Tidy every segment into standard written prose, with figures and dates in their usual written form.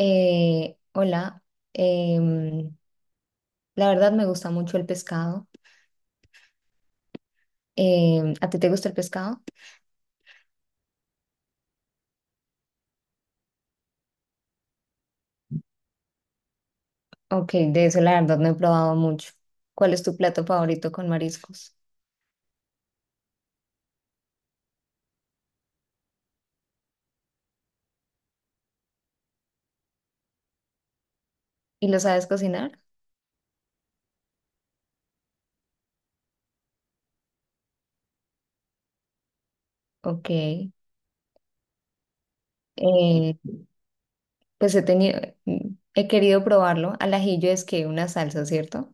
Hola, em, la verdad me gusta mucho el pescado. ¿A ti te gusta el pescado? Ok, de eso la verdad no he probado mucho. ¿Cuál es tu plato favorito con mariscos? ¿Y lo sabes cocinar? Ok, pues he querido probarlo. Al ajillo es que una salsa, ¿cierto?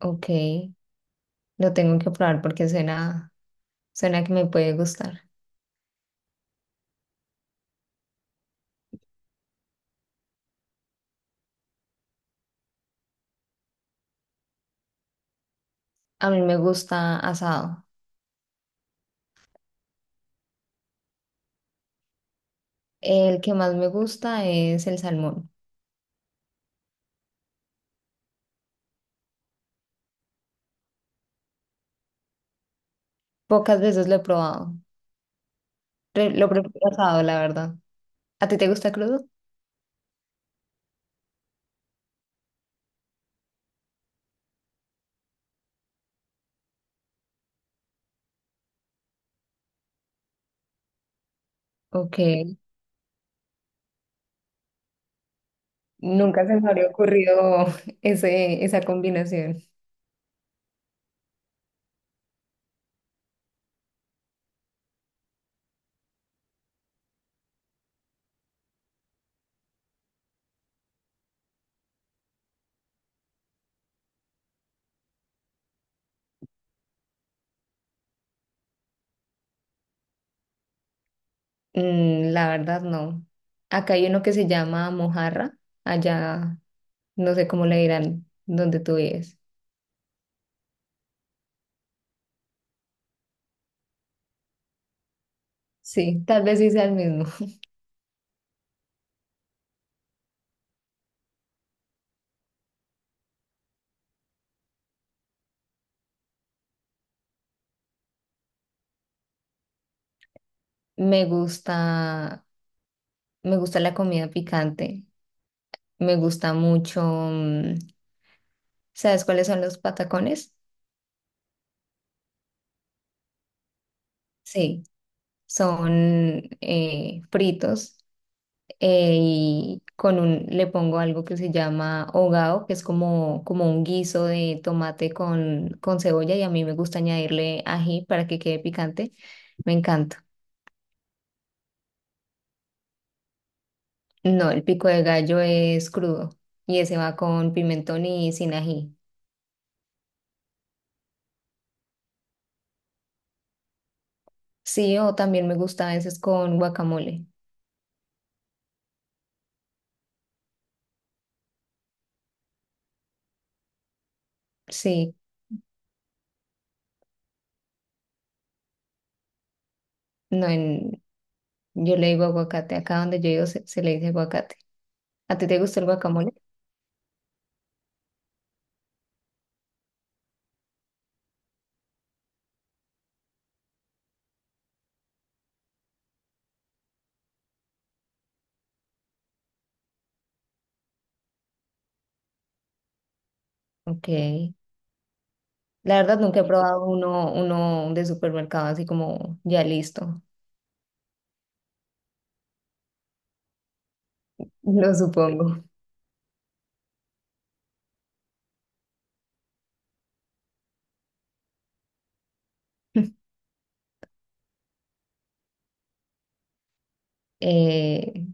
Ok, lo tengo que probar porque suena que me puede gustar. A mí me gusta asado. El que más me gusta es el salmón. Pocas veces lo he probado. Lo prefiero asado, la verdad. ¿A ti te gusta crudo? Ok, nunca se me habría ocurrido esa combinación. Mm, la verdad, no. Acá hay uno que se llama mojarra. Allá, no sé cómo le dirán donde tú vives. Sí, tal vez sí sea el mismo. Me gusta, me gusta la comida picante. Me gusta mucho. ¿Sabes cuáles son los patacones? Sí, son fritos y con un, le pongo algo que se llama hogao, que es como un guiso de tomate con cebolla, y a mí me gusta añadirle ají para que quede picante, me encanta. No, el pico de gallo es crudo y ese va con pimentón y sin ají. Sí, o también me gusta a veces con guacamole. Sí, no en, yo le digo aguacate. Acá donde yo vivo se le dice aguacate. ¿A ti te gusta el guacamole? Ok. La verdad, nunca he probado uno de supermercado así como ya listo, lo supongo. Eh,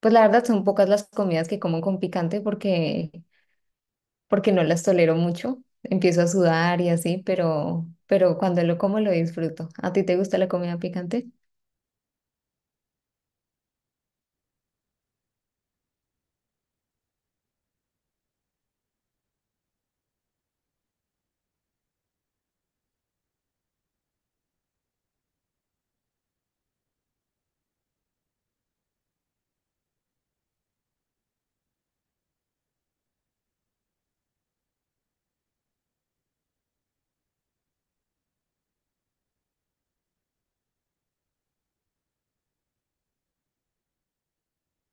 pues la verdad son pocas las comidas que como con porque no las tolero mucho. Empiezo a sudar y así, pero cuando lo como lo disfruto. ¿A ti te gusta la comida picante?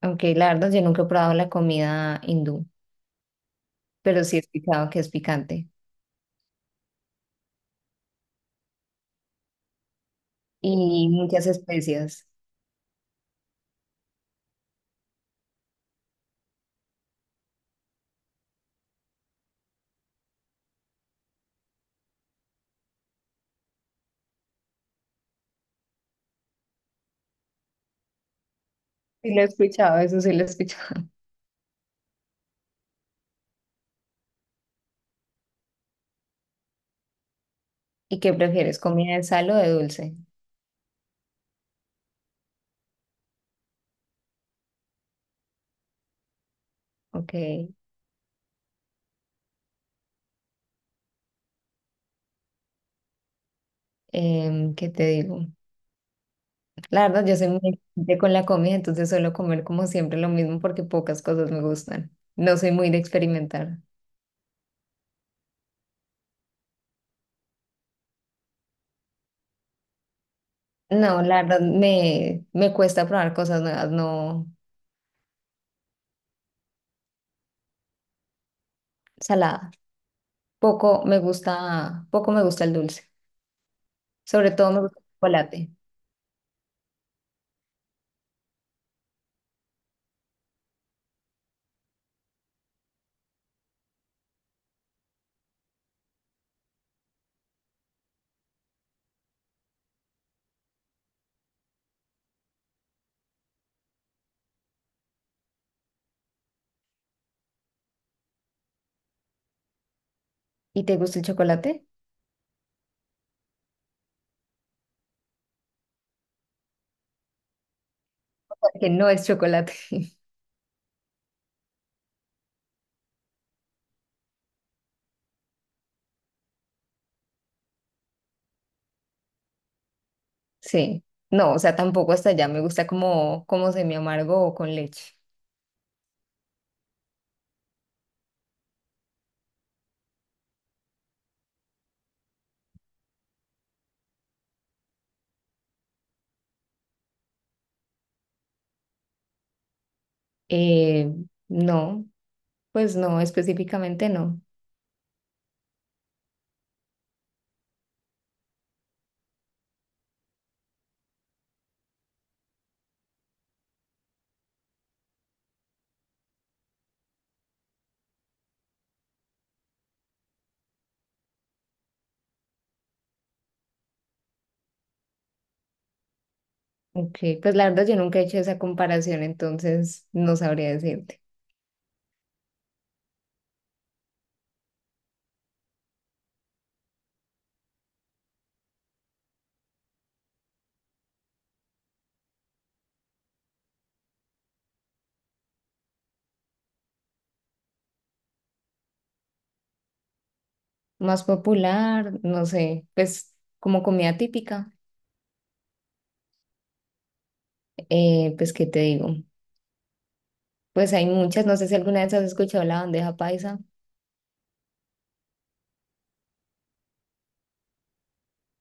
Aunque la verdad yo nunca he probado la comida hindú, pero sí he escuchado que es picante y muchas especias. Sí lo he escuchado, eso sí lo he escuchado. ¿Y qué prefieres, comida de sal o de dulce? Ok. ¿Qué te digo? La verdad, yo soy muy exigente con la comida, entonces suelo comer como siempre lo mismo porque pocas cosas me gustan. No soy muy de experimentar. No, la verdad, me cuesta probar cosas nuevas, no salada. Poco me gusta el dulce. Sobre todo me gusta el chocolate. ¿Y te gusta el chocolate? Porque no es chocolate. Sí. No, o sea, tampoco hasta allá. Me gusta como semi amargo o con leche. Eh, no, pues no, específicamente no. Ok, pues la verdad yo nunca he hecho esa comparación, entonces no sabría decirte. Más popular, no sé, pues como comida típica, pues ¿qué te digo? Pues hay muchas, no sé si alguna vez has escuchado la bandeja paisa.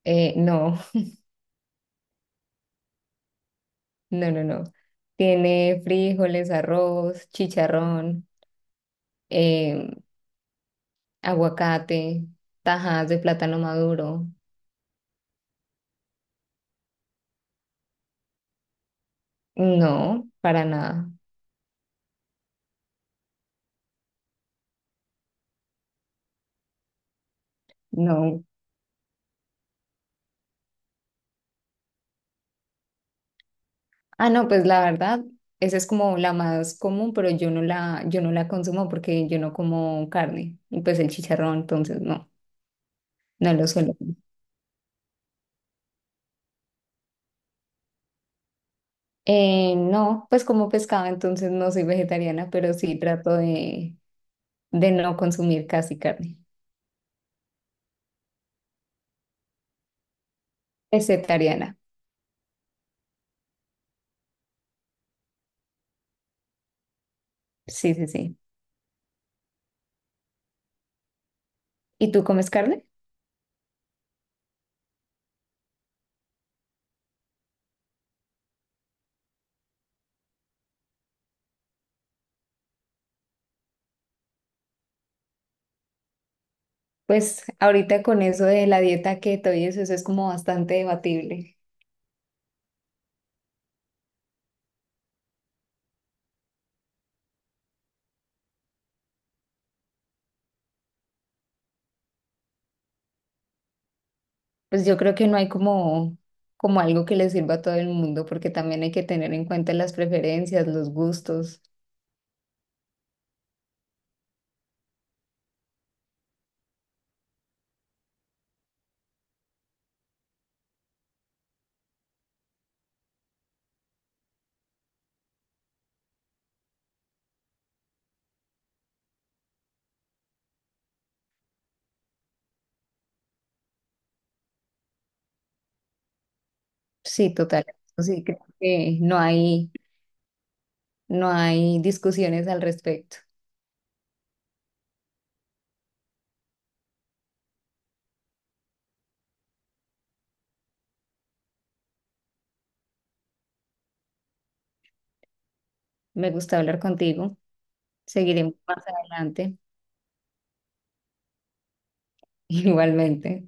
No, no, no, no. Tiene frijoles, arroz, chicharrón, eh, aguacate, tajadas de plátano maduro. No, para nada. No, ah, no, pues la verdad, esa es como la más común, pero yo no la consumo porque yo no como carne y pues el chicharrón, entonces no, no lo suelo comer. No, pues como pescado, entonces no soy vegetariana, pero sí trato de no consumir casi carne. Vegetariana, sí, sí, sí. ¿Y tú comes carne? Pues ahorita con eso de la dieta keto y eso es como bastante debatible. Pues yo creo que no hay como, como algo que le sirva a todo el mundo, porque también hay que tener en cuenta las preferencias, los gustos. Sí, total. Eso sí, creo que no hay discusiones al respecto. Me gusta hablar contigo. Seguiremos más adelante. Igualmente.